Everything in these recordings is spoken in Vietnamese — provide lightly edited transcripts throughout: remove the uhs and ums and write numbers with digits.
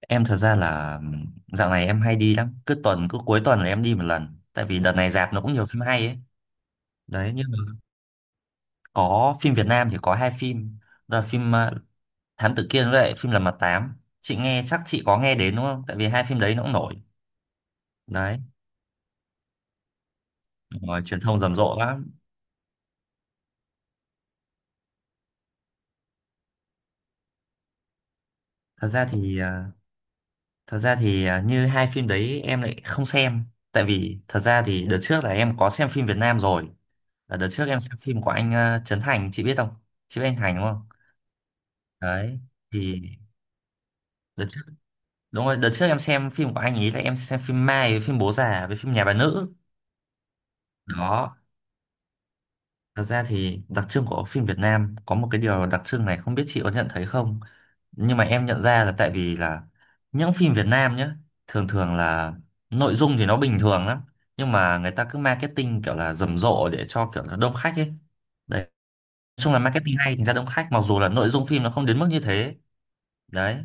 Em thật ra là dạo này em hay đi lắm, cứ tuần cứ cuối tuần là em đi một lần, tại vì đợt này rạp nó cũng nhiều phim hay ấy. Đấy, nhưng mà có phim Việt Nam thì có hai phim, đó là phim Thám Tử Kiên với lại phim Lật Mặt Tám. Chị nghe chắc chị có nghe đến đúng không? Tại vì hai phim đấy nó cũng nổi. Đấy, rồi truyền thông rầm rộ lắm. Thật ra thì ờ, thật ra thì như hai phim đấy em lại không xem, tại vì thật ra thì đợt trước là em có xem phim Việt Nam rồi. Là đợt trước em xem phim của anh Trấn Thành, chị biết không? Chị biết anh Thành đúng không? Đấy thì Đợt trước, đúng rồi, đợt trước em xem phim của anh ấy là em xem phim Mai với phim Bố Già với phim Nhà Bà Nữ. Đó, thật ra thì đặc trưng của phim Việt Nam có một cái điều đặc trưng này không biết chị có nhận thấy không? Nhưng mà em nhận ra là tại vì những phim Việt Nam nhá, thường thường là nội dung thì nó bình thường lắm, nhưng mà người ta cứ marketing kiểu là rầm rộ để cho kiểu là đông khách ấy. Đấy, nói chung là marketing hay thành ra đông khách mặc dù là nội dung phim nó không đến mức như thế. Đấy,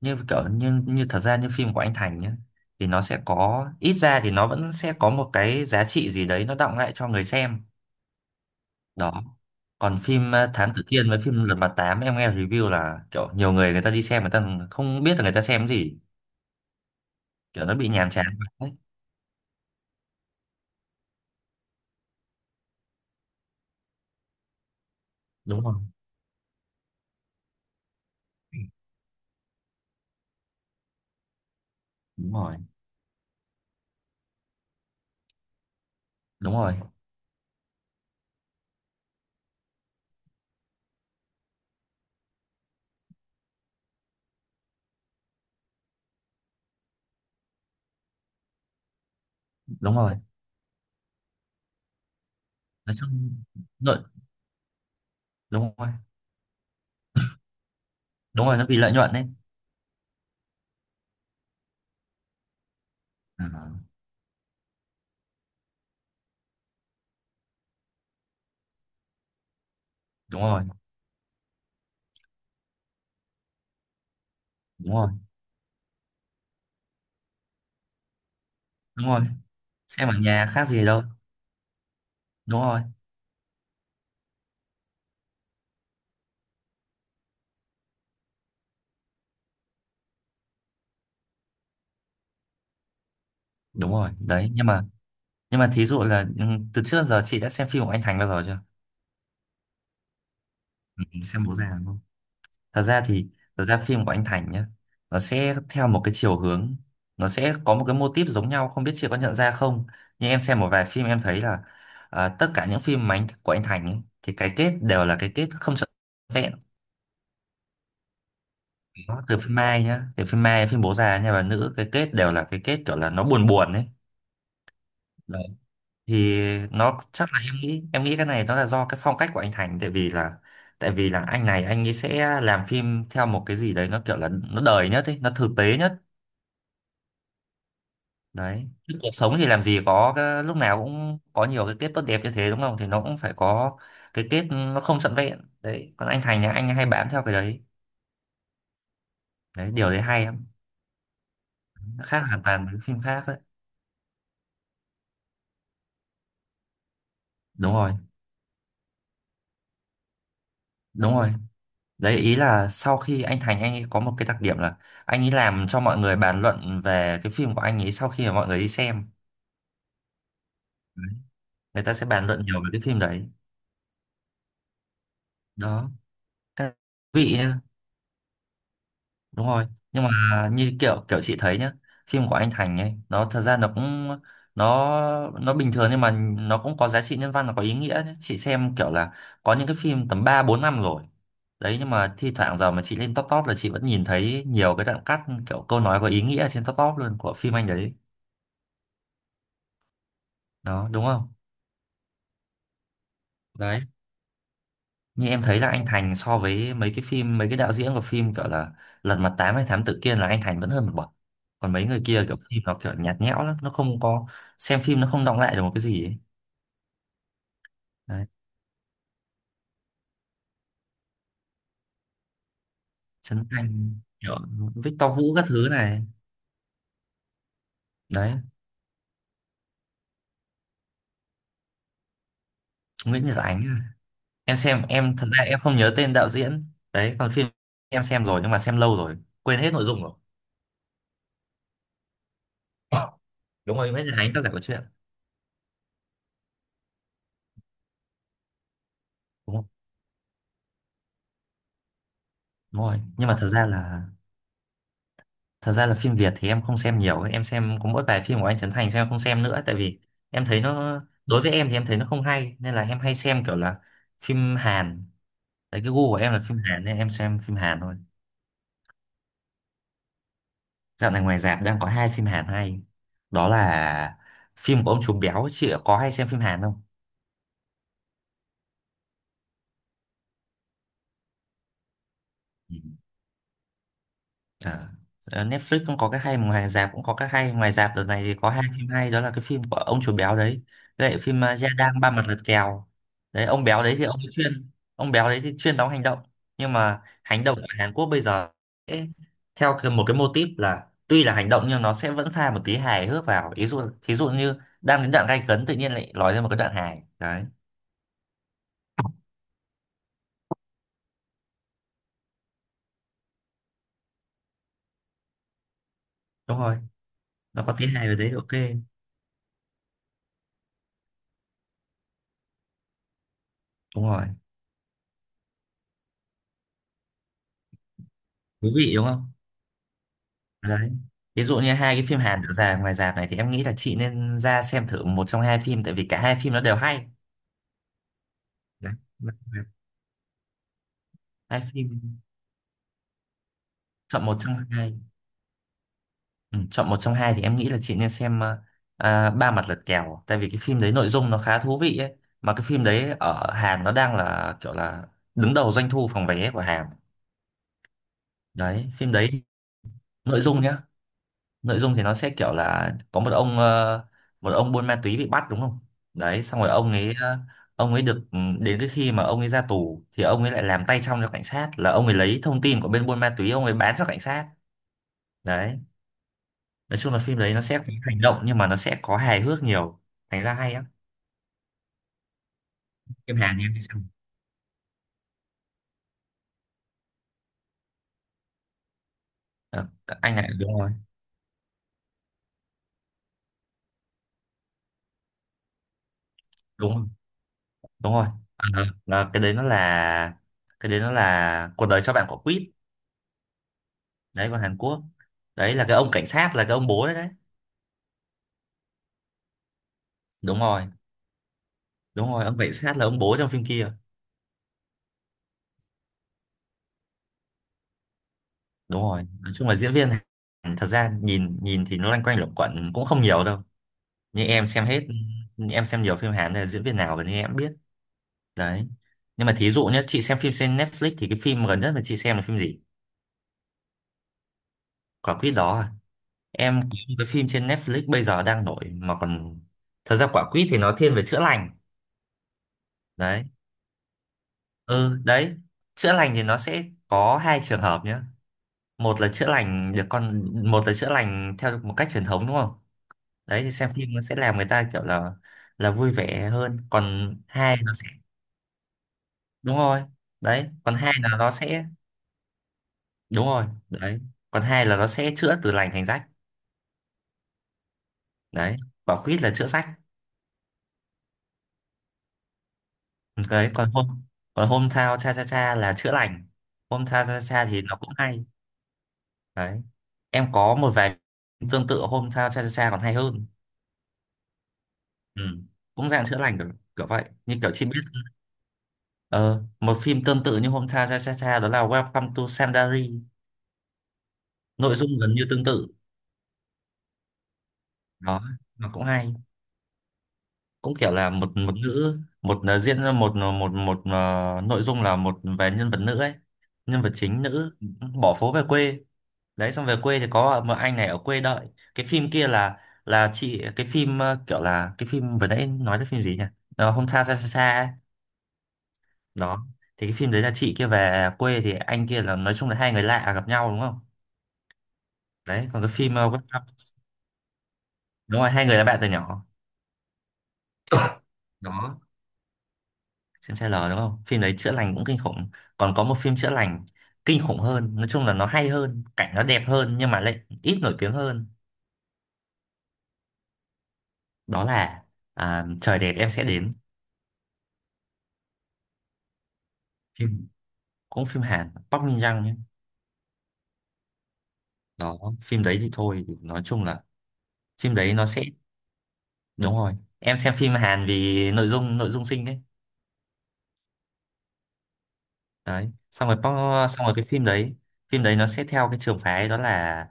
như kiểu như như thật ra như phim của anh Thành nhá thì nó sẽ có ít ra thì nó vẫn sẽ có một cái giá trị gì đấy nó đọng lại cho người xem. Đó, còn phim Thám Tử Kiên với phim Lật Mặt Tám em nghe review là kiểu nhiều người người ta đi xem người ta không biết là người ta xem cái gì, kiểu nó bị nhàm chán. Đấy, đúng rồi, đúng rồi, đúng rồi, đúng rồi, nói chung lợi, đúng rồi, đúng rồi, nó vì lợi nhuận đấy. À, đúng rồi, đúng rồi, đúng rồi, xem ở nhà khác gì đâu, đúng rồi, đúng rồi. Đấy nhưng mà, nhưng mà thí dụ là ừ, từ trước giờ chị đã xem phim của anh Thành bao giờ chưa? Ừ, xem bố già đúng không? Thật ra thì thật ra phim của anh Thành nhá nó sẽ theo một cái chiều hướng, nó sẽ có một cái mô típ giống nhau, không biết chị có nhận ra không? Nhưng em xem một vài phim em thấy là à, tất cả những phim mà của anh Thành ấy, thì cái kết đều là cái kết không trọn vẹn. Nó từ phim Mai nhá, từ phim Mai, phim bố già, nhà bà nữ, cái kết đều là cái kết kiểu là nó buồn buồn ấy. Thì nó chắc là, em nghĩ cái này nó là do cái phong cách của anh Thành, tại vì là anh này anh ấy sẽ làm phim theo một cái gì đấy nó kiểu là nó đời nhất ấy, nó thực tế nhất. Đấy, chứ cuộc sống thì làm gì có cái, lúc nào cũng có nhiều cái kết tốt đẹp như thế đúng không, thì nó cũng phải có cái kết nó không trọn vẹn đấy, còn anh Thành thì anh hay bám theo cái đấy. Đấy, điều đấy hay lắm, khác hoàn toàn với phim khác đấy. Đúng rồi, đúng rồi. Đấy, ý là sau khi anh Thành anh ấy có một cái đặc điểm là anh ấy làm cho mọi người bàn luận về cái phim của anh ấy sau khi mà mọi người đi xem. Đấy. Người ta sẽ bàn luận nhiều về cái phim đấy. Đó. Cái vị đúng rồi, nhưng mà như kiểu kiểu chị thấy nhá, phim của anh Thành ấy nó thật ra nó cũng nó nó bình thường nhưng mà nó cũng có giá trị nhân văn, nó có ý nghĩa nhá. Chị xem kiểu là có những cái phim tầm ba bốn năm rồi đấy, nhưng mà thi thoảng giờ mà chị lên top top là chị vẫn nhìn thấy nhiều cái đoạn cắt kiểu câu nói có ý nghĩa trên top top luôn của phim anh đấy. Đó, đúng không? Đấy, như em thấy là anh Thành so với mấy cái phim mấy cái đạo diễn của phim kiểu là Lật Mặt Tám hay Thám Tử Kiên là anh Thành vẫn hơn một bậc, còn mấy người kia kiểu phim nó kiểu nhạt nhẽo lắm, nó không có, xem phim nó không đọng lại được một cái gì ấy. Đấy, Trấn Thành kiểu Victor Vũ các thứ này. Đấy, Nguyễn Nhật Ánh à. Em xem, em thật ra em không nhớ tên đạo diễn đấy, còn phim em xem rồi nhưng mà xem lâu rồi quên hết nội dung rồi. Đúng rồi, Nguyễn Nhật Ánh tác giả của chuyện đúng không? Đúng rồi, nhưng mà thật ra là, thật ra là phim Việt thì em không xem nhiều ấy. Em xem có mỗi vài phim của anh Trấn Thành xem, em không xem nữa tại vì em thấy nó, đối với em thì em thấy nó không hay, nên là em hay xem kiểu là phim Hàn. Đấy, cái gu của em là phim Hàn nên em xem phim Hàn thôi. Dạo này ngoài rạp đang có hai phim Hàn hay, đó là phim của ông Trùm Béo, chị có hay xem phim Hàn không? À, ờ, Netflix cũng có cái hay mà ngoài rạp cũng có cái hay, ngoài rạp đợt này thì có hai phim hay, đó là cái phim của ông chủ béo đấy với lại phim Gia Đang ba mặt lật kèo. Đấy, ông béo đấy thì ông ấy chuyên, ông béo đấy thì chuyên đóng hành động, nhưng mà hành động ở Hàn Quốc bây giờ sẽ theo một cái mô típ là tuy là hành động nhưng nó sẽ vẫn pha một tí hài hước vào, ví dụ thí dụ như đang đến đoạn gay cấn tự nhiên lại nói ra một cái đoạn hài đấy. Đúng rồi, nó có tí hài vào đấy, ok, đúng rồi, thú vị đúng không? Đấy. Ví dụ như hai cái phim Hàn được ra ngoài rạp này thì em nghĩ là chị nên ra xem thử một trong hai phim, tại vì cả hai phim nó đều hay. Đấy. Hai phim, chọn một trong hai. Ừ, chọn một trong hai thì em nghĩ là chị nên xem Ba Mặt Lật Kèo, tại vì cái phim đấy nội dung nó khá thú vị ấy. Mà cái phim đấy ở Hàn nó đang là kiểu là đứng đầu doanh thu phòng vé của Hàn. Đấy, phim đấy nội dung nhá. Nội dung thì nó sẽ kiểu là có một ông một ông buôn ma túy bị bắt đúng không, đấy xong rồi ông ấy ông ấy được ừ, đến cái khi mà ông ấy ra tù thì ông ấy lại làm tay trong cho cảnh sát, là ông ấy lấy thông tin của bên buôn ma túy ông ấy bán cho cảnh sát. Đấy, nói chung là phim đấy nó sẽ có hành động nhưng mà nó sẽ có hài hước nhiều, thành ra hay á, phim Hàn thì em đi xem. Ờ, anh này đúng rồi, đúng rồi, đúng rồi. Ờ, ờ, là cái đấy nó là cuộc đời cho bạn quả quýt đấy, của Hàn Quốc. Đấy là cái ông cảnh sát là cái ông bố đấy đấy. Đúng rồi, đúng rồi ông cảnh sát là ông bố trong phim kia. Đúng rồi, nói chung là diễn viên thật ra nhìn nhìn thì nó loanh quanh luẩn quẩn cũng không nhiều đâu, nhưng em xem hết, em xem nhiều phim Hàn nên là diễn viên nào gần như em cũng biết. Đấy, nhưng mà thí dụ nhé, chị xem phim trên Netflix thì cái phim gần nhất mà chị xem là phim gì? Quả quýt đó à? Em có một cái phim trên Netflix bây giờ đang nổi mà còn, thật ra quả quýt thì nó thiên về chữa lành. Đấy, ừ, đấy, chữa lành thì nó sẽ có hai trường hợp nhé, một là chữa lành được con, một là chữa lành theo một cách truyền thống đúng không. Đấy thì xem phim nó sẽ làm người ta kiểu là vui vẻ hơn, còn hai nó sẽ, đúng rồi, đấy còn hai là nó sẽ, đúng rồi đấy còn hai là nó sẽ chữa từ lành thành rách. Đấy, quả quýt là chữa rách. Đấy còn hôm, còn hôm thao cha cha cha là chữa lành, hôm thao cha cha cha thì nó cũng hay. Đấy, em có một vài tương tự hôm thao cha cha cha còn hay hơn. Ừ. Cũng dạng chữa lành kiểu vậy, như kiểu chị biết. Ờ Một phim tương tự như hôm thao cha cha cha đó là Welcome to Sandari. Nội dung gần như tương tự. nó nó cũng hay, cũng kiểu là một một nữ, một diễn ra một ờ, một một ờ, nội dung là một về nhân vật nữ ấy, nhân vật chính nữ bỏ phố về quê. Đấy, xong về quê thì có một anh này ở quê đợi. Cái phim kia là chị cái phim kiểu là cái phim vừa nãy nói đến phim gì nhỉ? Hôm sao xa xa xa ấy. Đó thì cái phim đấy là chị kia về quê thì anh kia là, nói chung là hai người lạ gặp nhau đúng không. Đấy còn cái phim Welcome-. Đúng rồi, hai người là bạn từ nhỏ. Đó, xem trailer đúng không, phim đấy chữa lành cũng kinh khủng. Còn có một phim chữa lành kinh khủng hơn, nói chung là nó hay hơn, cảnh nó đẹp hơn nhưng mà lại ít nổi tiếng hơn. Đó là, trời đẹp em sẽ đến. phim Cũng phim Hàn, Park Min Young nhé. Đó, phim đấy thì thôi nói chung là, phim đấy nó sẽ, đúng rồi, em xem phim Hàn vì nội dung, nội dung xinh đấy. Đấy xong rồi Park- xong rồi cái phim đấy, phim đấy nó sẽ theo cái trường phái đó là,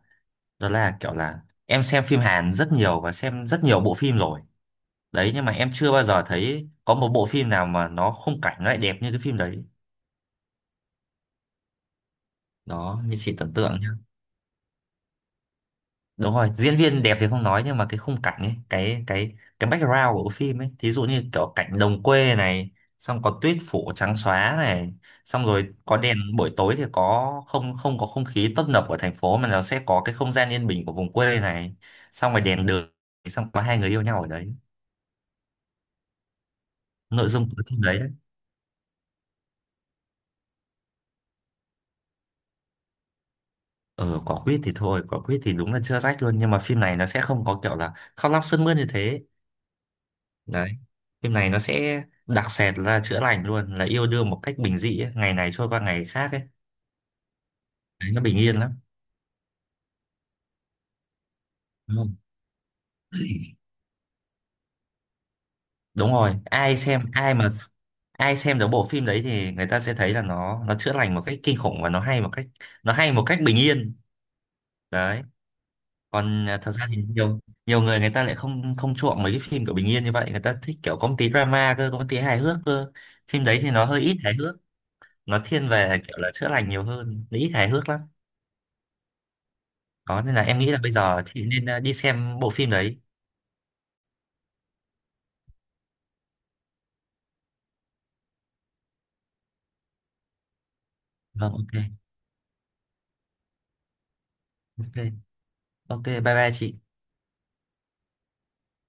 đó là kiểu là, em xem phim Hàn rất nhiều và xem rất nhiều bộ phim rồi. Đấy nhưng mà em chưa bao giờ thấy có một bộ phim nào mà nó khung cảnh nó lại đẹp như cái phim đấy. Đó, như chị tưởng tượng nhá, đúng rồi, diễn viên đẹp thì không nói, nhưng mà cái khung cảnh ấy, cái cái background của phim ấy, thí dụ như kiểu cảnh đồng quê này, xong có tuyết phủ trắng xóa này, xong rồi có đèn buổi tối thì có không không có không khí tấp nập của thành phố mà nó sẽ có cái không gian yên bình của vùng quê này, xong rồi đèn đường, xong có hai người yêu nhau ở đấy. Nội dung của cái phim đấy. Ờ, quả quýt thì thôi, quả quýt thì đúng là chưa rách luôn, nhưng mà phim này nó sẽ không có kiểu là khóc lóc sướt mướt như thế. Đấy. Phim này nó sẽ đặc sệt là chữa lành luôn, là yêu đương một cách bình dị ấy. Ngày này trôi qua ngày khác ấy. Đấy, nó bình yên lắm. Đúng không? Đúng rồi, ai mà ai xem được bộ phim đấy thì người ta sẽ thấy là nó chữa lành một cách kinh khủng và nó hay một cách, nó hay một cách bình yên. Đấy. Còn thật ra thì nhiều nhiều người, người ta lại không không chuộng mấy cái phim kiểu bình yên như vậy, người ta thích kiểu có một tí drama cơ, có một tí hài hước cơ. Phim đấy thì nó hơi ít hài hước, nó thiên về kiểu là chữa lành nhiều hơn, nó ít hài hước lắm. Đó nên là em nghĩ là bây giờ chị nên đi xem bộ phim đấy. Vâng, ok. Ok, ok, bye bye chị.